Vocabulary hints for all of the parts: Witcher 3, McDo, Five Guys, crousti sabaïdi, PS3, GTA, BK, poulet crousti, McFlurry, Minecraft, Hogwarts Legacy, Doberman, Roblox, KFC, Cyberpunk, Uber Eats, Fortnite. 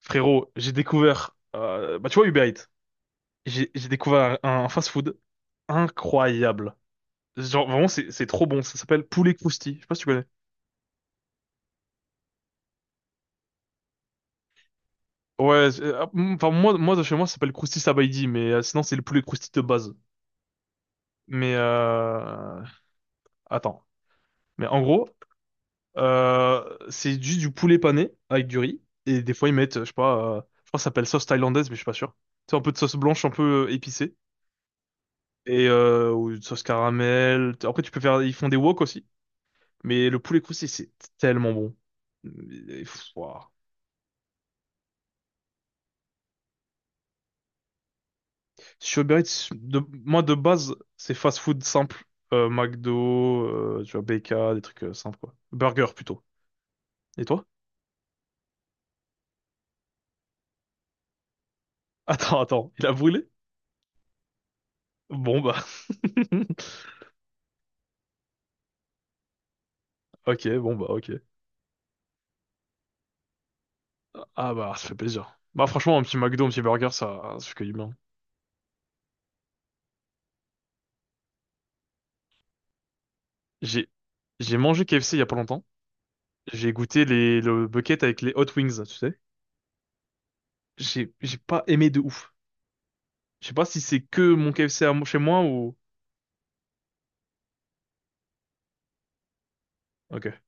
Frérot, j'ai découvert, bah tu vois Uber Eats, j'ai découvert un fast-food incroyable. Genre vraiment c'est trop bon, ça s'appelle poulet crousti, je sais pas si tu connais. Ouais, enfin moi de chez moi ça s'appelle crousti sabaïdi, mais sinon c'est le poulet crousti de base. Mais attends, mais en gros c'est juste du poulet pané avec du riz et des fois ils mettent, je sais pas, je crois que ça s'appelle sauce thaïlandaise mais je suis pas sûr. C'est un peu de sauce blanche un peu épicée et ou une sauce caramel. Après tu peux faire, ils font des wok aussi. Mais le poulet croustillé, c'est tellement bon. Et, pff, ouah. Sur Uber Eats, moi de base, c'est fast food simple. McDo, tu vois, BK, des trucs simples quoi. Burger plutôt. Et toi? Attends, attends, il a brûlé? Bon bah. Ok, bon bah, ok. Ah bah, ça fait plaisir. Bah franchement, un petit McDo, un petit burger, ça fait que du bien. J'ai, j'ai mangé KFC il y a pas longtemps. J'ai goûté le bucket avec les hot wings, tu sais. J'ai pas aimé de ouf. Je sais pas si c'est que mon KFC chez moi ou. Ok.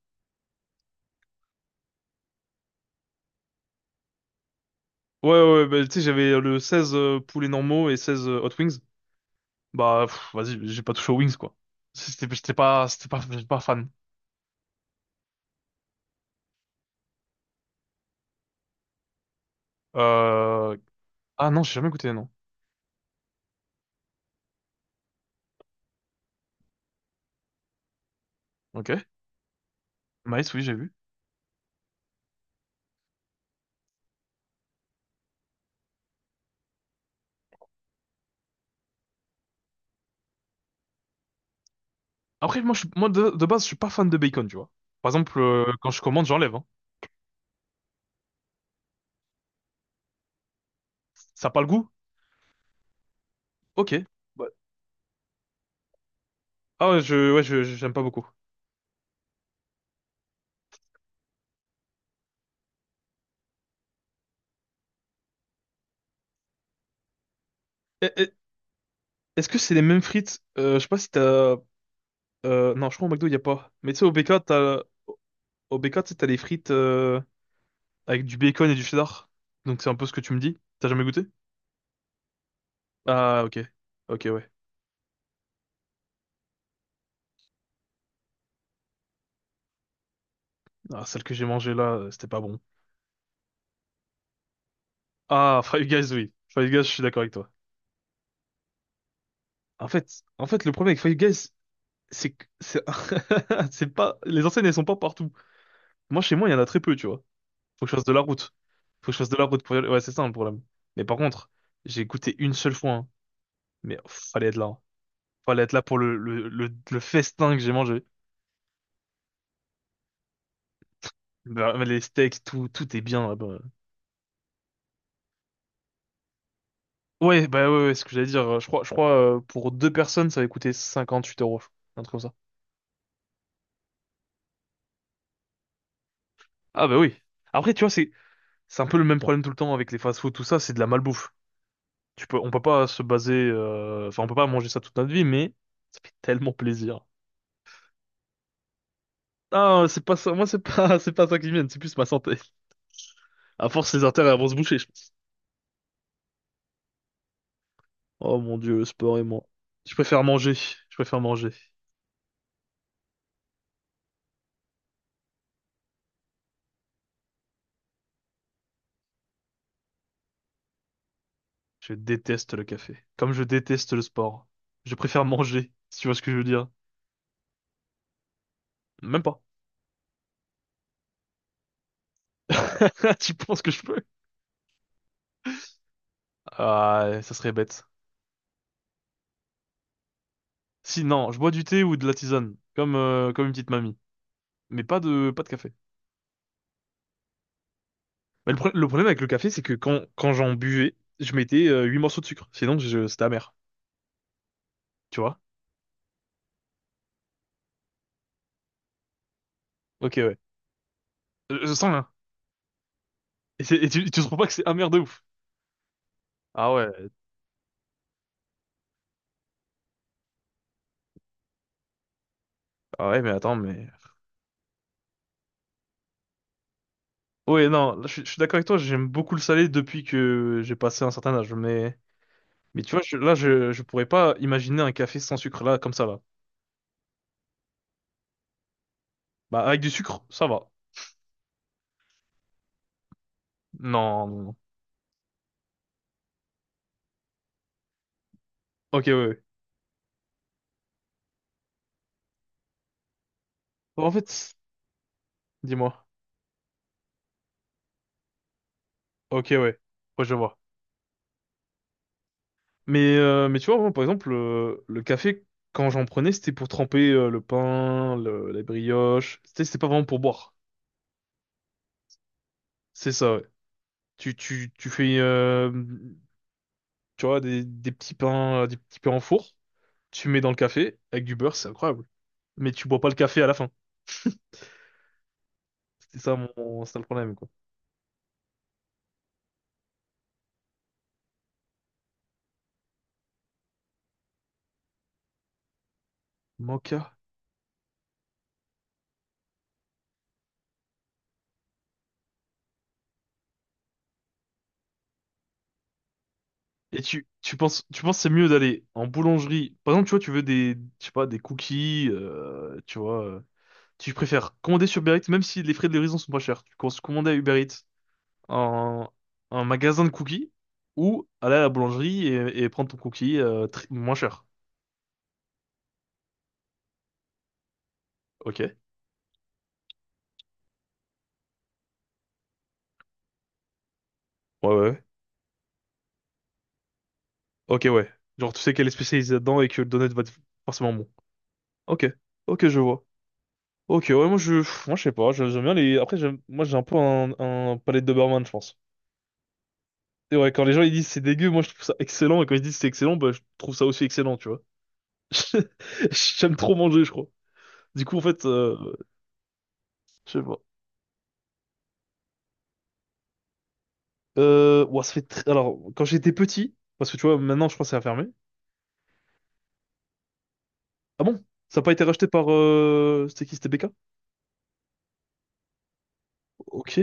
Ouais, ouais, ouais, bah, tu sais, j'avais le 16 poulets normaux et 16 Hot Wings. Bah, pff, vas-y, j'ai pas touché aux Wings, quoi. Si, C'était, j'étais pas, c'était pas, j'étais pas fan. Euh... Ah non, j'ai jamais goûté, non. Ok. Maïs, oui, j'ai vu. Après, moi, je suis, moi de base, je suis pas fan de bacon, tu vois. Par exemple, quand je commande, j'enlève, hein. Ça a pas le goût? Ok. Ouais. Ah ouais, j'aime pas beaucoup. Eh, eh, Est-ce que c'est les mêmes frites? Je sais pas si non, je crois au McDo, il y a pas. Mais tu sais, au BK, tu sais, t'as les frites, avec du bacon et du cheddar. Donc c'est un peu ce que tu me dis. T'as jamais goûté? Ah, ok. Ok, ouais. Ah, celle que j'ai mangée là, c'était pas bon. Ah, Five Guys, oui. Five Guys, je suis d'accord avec toi. En fait, le problème avec Five Guys, c'est que c'est c'est pas les enseignes, elles sont pas partout. Moi, chez moi, il y en a très peu, tu vois. Faut que je fasse de la route. Faut que je fasse de la route pour y aller. Ouais, c'est ça le problème. Mais par contre, j'ai goûté une seule fois, hein. Mais pff, fallait être là, hein. Fallait être là pour le festin que j'ai mangé. Bah, les steaks, tout est bien là-bas. Ouais, bah ouais, ouais, c'est ce que j'allais dire. Je crois, pour deux personnes, ça va coûter 58 euros. Un truc comme ça. Ah bah oui. Après, tu vois, c'est un peu le même problème tout le temps avec les fast-food, tout ça, c'est de la malbouffe. On peut pas se baser, enfin, on peut pas manger ça toute notre vie, mais ça fait tellement plaisir. Ah, c'est pas ça. Moi, c'est pas, c'est pas ça qui vient. C'est plus ma santé. À force, les artères elles vont se boucher, je pense. Oh mon Dieu, le sport et moi. Je préfère manger. Je préfère manger. Je déteste le café. Comme je déteste le sport. Je préfère manger. Si tu vois ce que je veux dire. Même pas. Tu penses que je peux? Ah, ça serait bête. Si, non, je bois du thé ou de la tisane, comme une petite mamie. Mais pas de café. Mais le problème avec le café, c'est que quand j'en buvais, je mettais 8 morceaux de sucre. Sinon, c'était amer. Tu vois? Ok, ouais. Je sens là. Et, et tu trouves pas que c'est amer de ouf? Ah ouais. Ah ouais, mais attends, mais. Ouais, non, là, je suis d'accord avec toi, j'aime beaucoup le salé depuis que j'ai passé un certain âge. Mais tu vois, je pourrais pas imaginer un café sans sucre, là, comme ça, là. Bah, avec du sucre, ça va. Non, non, non. Ok, ouais, ouais. En fait, dis-moi. Ok, ouais. Ouais, je vois. Mais tu vois, moi, par exemple, le café, quand j'en prenais, c'était pour tremper le pain, les brioches. C'était pas vraiment pour boire. C'est ça, ouais. Tu fais, tu vois, des petits pains en four. Tu mets dans le café avec du beurre, c'est incroyable. Mais tu bois pas le café à la fin. C'était ça, c'était le problème, quoi. Mocha. Et tu penses que c'est mieux d'aller en boulangerie. Par exemple, tu vois, tu veux des, je sais pas, des cookies, tu vois. Tu préfères commander sur Uber Eats, même si les frais de livraison sont pas chers. Tu penses commander à Uber Eats un, un magasin de cookies ou aller à la boulangerie et prendre ton cookie moins cher. Ok. Ouais, ouais, ouais. Ok, ouais. Genre, tu sais qu'elle est spécialisée dedans et que le donut va être forcément bon. Ok. Ok, je vois. Ok, ouais, moi je sais pas. J'aime bien les. Après, moi j'ai un peu un, palais de Doberman, je pense. Et ouais, quand les gens ils disent c'est dégueu, moi je trouve ça excellent, et quand ils disent c'est excellent, bah je trouve ça aussi excellent, tu vois. J'aime trop manger, je crois. Du coup, en fait, je sais pas. Ouah, alors, quand j'étais petit, parce que tu vois, maintenant je crois que c'est fermé. Ah bon? Ça n'a pas été racheté par... C'était qui? C'était BK? Ok.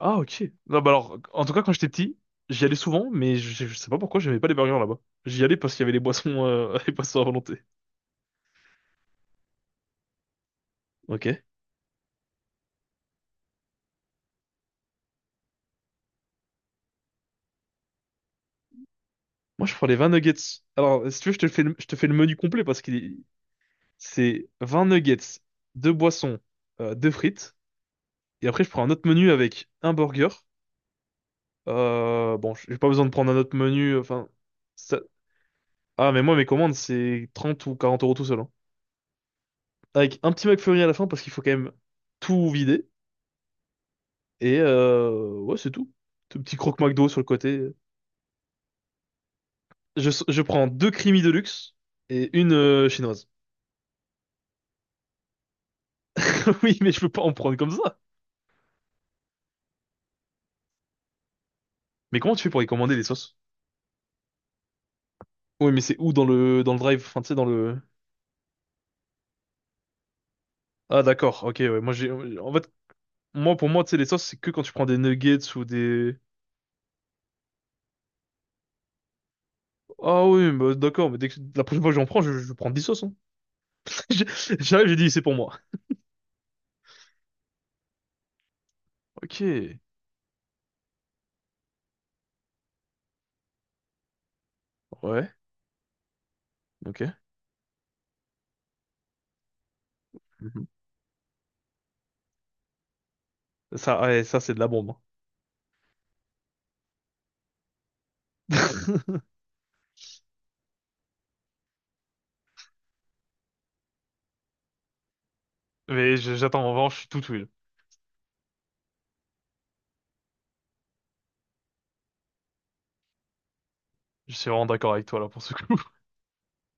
Ah, ok. Non, bah alors, en tout cas, quand j'étais petit, j'y allais souvent, mais je sais pas pourquoi j'aimais pas les burgers là-bas. J'y allais parce qu'il y avait les boissons, les boissons à volonté. Ok. Moi, je prends les 20 nuggets. Alors, si tu veux, je te fais le menu complet. C'est 20 nuggets, deux boissons, deux frites. Et après, je prends un autre menu avec un burger. Bon, j'ai pas besoin de prendre un autre menu. Enfin, ça- mais moi, mes commandes, c'est 30 ou 40 € tout seul, hein. Avec un petit McFlurry à la fin parce qu'il faut quand même tout vider. Et ouais, c'est tout. Tout petit croque McDo sur le côté. Je prends deux creamy de luxe et une chinoise. Oui, mais je peux pas en prendre comme ça. Mais comment tu fais pour y commander les sauces? Oui, mais c'est où dans le drive? Enfin, tu sais, dans le. Ah d'accord, ok, ouais. En fait, moi pour moi, tu sais, les sauces, c'est que quand tu prends des nuggets ou des. Ah oui, bah, d'accord, mais dès que la prochaine fois que j'en prends, je prends 10 sauces, hein. J'ai- J'arrive, j'ai dit c'est pour moi. Ok, ouais, ok. Mhm. Ça, ouais, ça c'est de la bombe, hein. Mais j'attends, en revanche je suis tout ouïe. Je suis vraiment d'accord avec toi là pour ce coup.